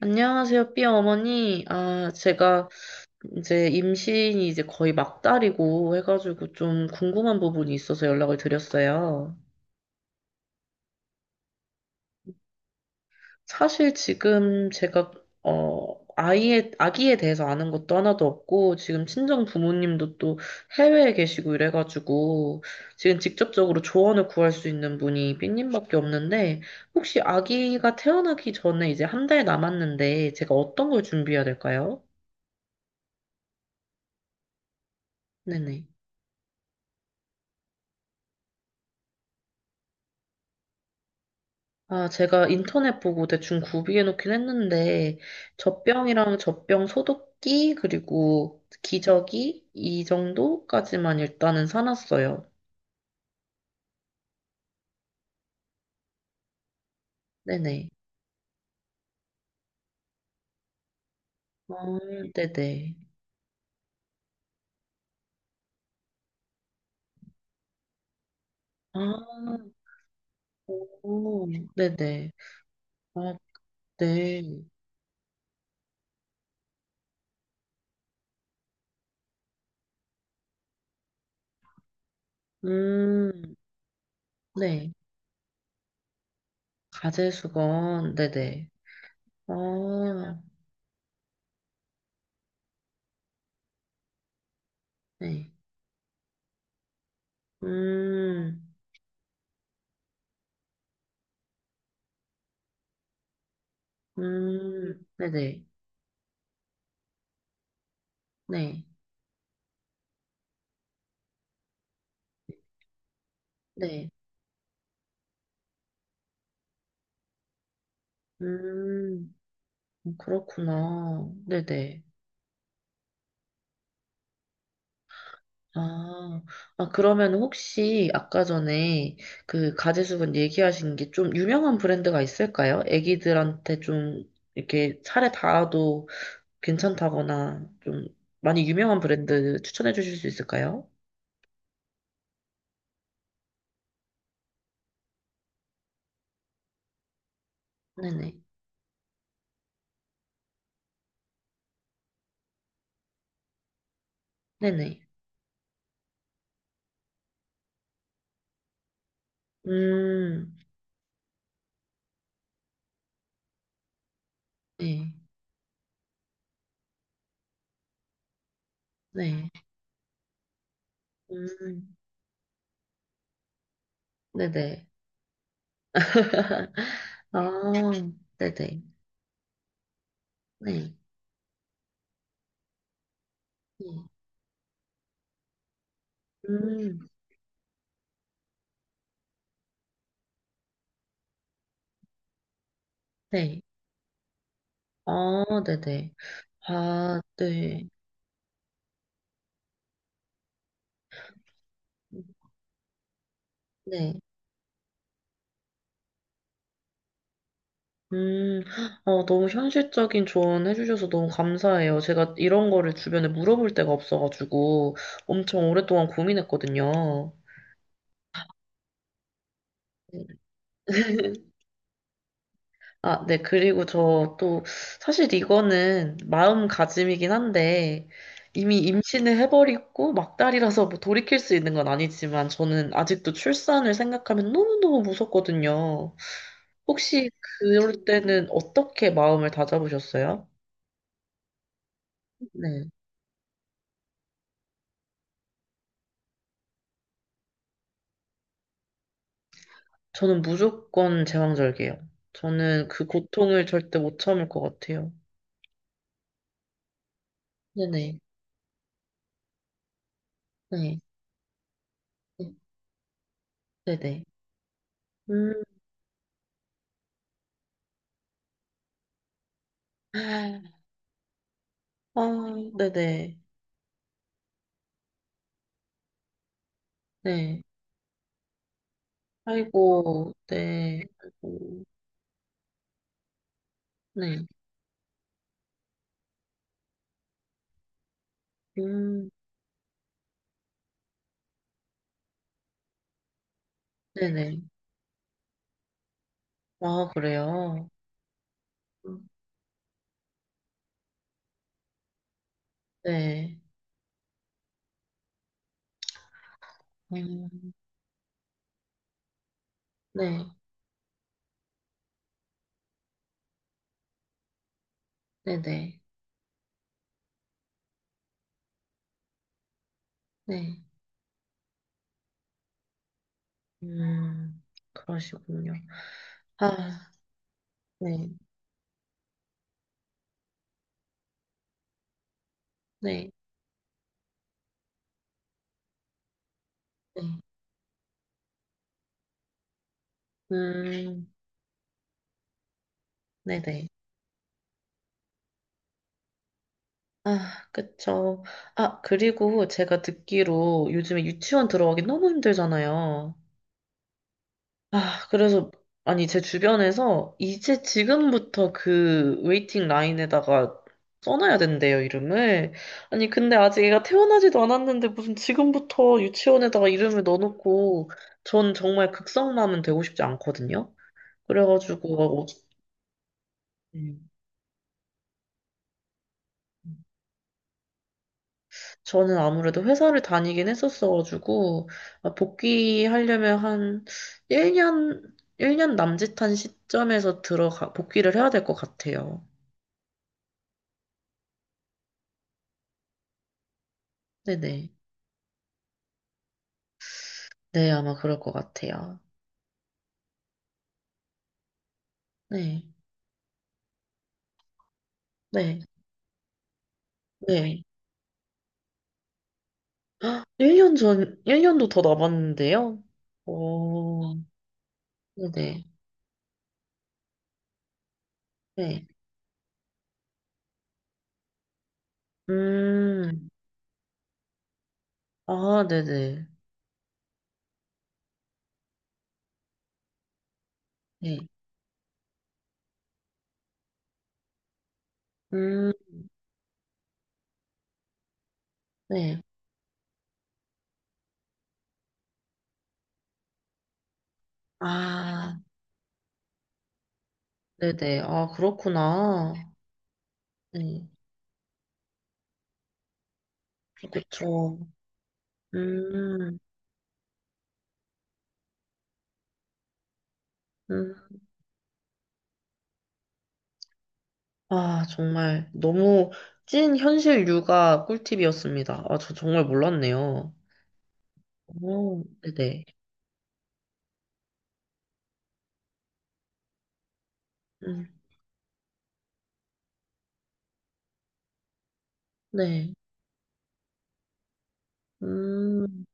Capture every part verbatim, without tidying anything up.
안녕하세요, 삐 어머니. 아, 제가 이제 임신이 이제 거의 막달이고 해가지고 좀 궁금한 부분이 있어서 연락을 드렸어요. 사실 지금 제가, 어, 아이에, 아기에 대해서 아는 것도 하나도 없고, 지금 친정 부모님도 또 해외에 계시고 이래가지고, 지금 직접적으로 조언을 구할 수 있는 분이 삐님밖에 없는데, 혹시 아기가 태어나기 전에 이제 한 달 남았는데, 제가 어떤 걸 준비해야 될까요? 네네. 아, 제가 인터넷 보고 대충 구비해 놓긴 했는데, 젖병이랑 젖병 소독기, 그리고 기저귀, 이 정도까지만 일단은 사놨어요. 네네. 아, 네네. 아, 오, 네네. 아, 네. 음, 네. 가제수건, 네네. 아, 네. 음, 음, 네네. 네, 네. 음. 음, 그렇구나. 네네. 아, 아, 그러면 혹시 아까 전에 그 가제수분 얘기하신 게 좀 유명한 브랜드가 있을까요? 애기들한테 좀 이렇게 살에 닿아도 괜찮다거나 좀 많이 유명한 브랜드 추천해 주실 수 있을까요? 네네. 네네. 음, 네. 네. 음, 네네. 아, 네 네. 네. 음, 네. 아, 네네. 아, 네. 네. 음, 어, 너무 현실적인 조언 해주셔서 너무 감사해요. 제가 이런 거를 주변에 물어볼 데가 없어가지고 엄청 오랫동안 고민했거든요. 네. 아, 네. 그리고 저 또 사실 이거는 마음가짐이긴 한데 이미 임신을 해버리고 막달이라서 뭐 돌이킬 수 있는 건 아니지만 저는 아직도 출산을 생각하면 너무너무 무섭거든요. 혹시 그럴 때는 어떻게 마음을 다잡으셨어요? 네. 저는 무조건 제왕절개요. 저는 그 고통을 절대 못 참을 것 같아요. 네네. 네. 네. 네네. 음. 아, 네네. 네. 아이고, 네. 아이고, 네. 음. 네네. 아, 그래요? 음, 네. 음, 네. 네네. 네. 음, 그러시군요. 아, 네. 네. 네. 음, 네네. 아, 그쵸. 아, 그리고 제가 듣기로 요즘에 유치원 들어가기 너무 힘들잖아요. 아, 그래서, 아니, 제 주변에서 이제 지금부터 그 웨이팅 라인에다가 써놔야 된대요, 이름을. 아니, 근데 아직 애가 태어나지도 않았는데 무슨 지금부터 유치원에다가 이름을 넣어놓고 전 정말 극성맘은 되고 싶지 않거든요. 그래가지고, 음. 저는 아무래도 회사를 다니긴 했었어가지고, 아, 복귀하려면 한 일 년 일 년 남짓한 시점에서 들어가, 복귀를 해야 될 것 같아요. 네네. 네, 아마 그럴 것 같아요. 네, 네, 네. 일 년 전, 일 년도 더 남았는데요? 오, 네네, 네. 음, 아, 네네, 네. 음, 네. 아, 네네. 아, 그렇구나. 네. 그쵸. 음, 음. 아, 정말 너무 찐 현실 육아 꿀팁이었습니다. 아, 저 정말 몰랐네요. 오, 네네. 음, 네. 음,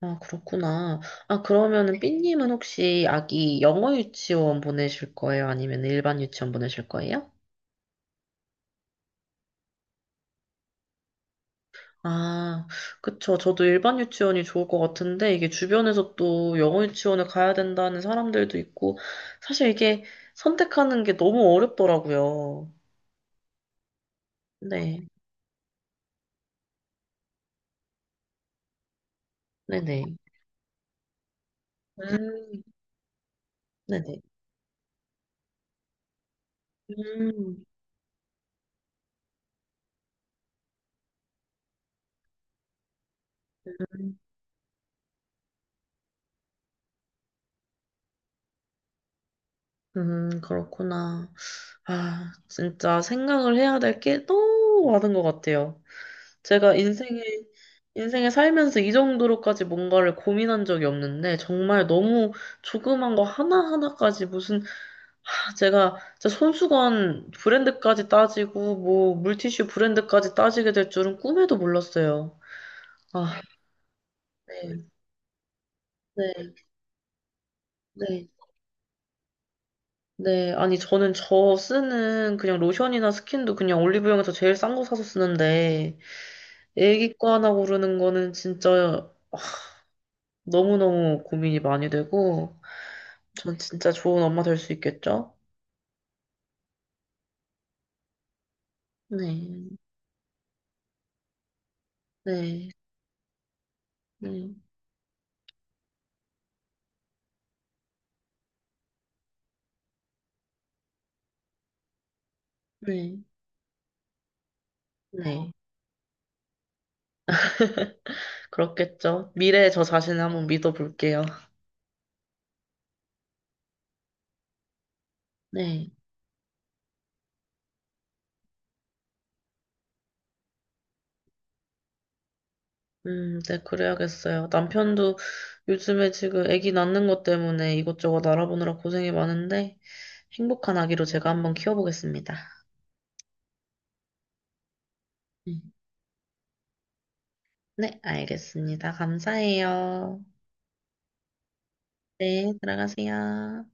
아, 그렇구나. 아, 그러면은 삐님은 혹시 아기 영어 유치원 보내실 거예요? 아니면 일반 유치원 보내실 거예요? 아, 그쵸. 저도 일반 유치원이 좋을 것 같은데, 이게 주변에서 또 영어 유치원을 가야 된다는 사람들도 있고, 사실 이게 선택하는 게 너무 어렵더라고요. 네, 네네, 음, 네네. 음, 음. 음, 그렇구나. 아, 진짜 생각을 해야 될 게 너무 많은 것 같아요. 제가 인생에, 인생에 살면서 이 정도로까지 뭔가를 고민한 적이 없는데, 정말 너무 조그만 거 하나하나까지 무슨, 아, 제가 진짜 손수건 브랜드까지 따지고, 뭐, 물티슈 브랜드까지 따지게 될 줄은 꿈에도 몰랐어요. 아, 네, 네, 네. 네, 아니, 저는 저 쓰는 그냥 로션이나 스킨도 그냥 올리브영에서 제일 싼 거 사서 쓰는데, 애기 거 하나 고르는 거는 진짜 너무너무 고민이 많이 되고, 전 진짜 좋은 엄마 될 수 있겠죠? 네, 네, 네, 네, 네. 그렇겠죠. 미래의 저 자신을 한번 믿어볼게요. 네. 음, 네, 그래야겠어요. 남편도 요즘에 지금 아기 낳는 것 때문에 이것저것 알아보느라 고생이 많은데 행복한 아기로 제가 한번 키워보겠습니다. 음. 네, 알겠습니다. 감사해요. 네, 들어가세요.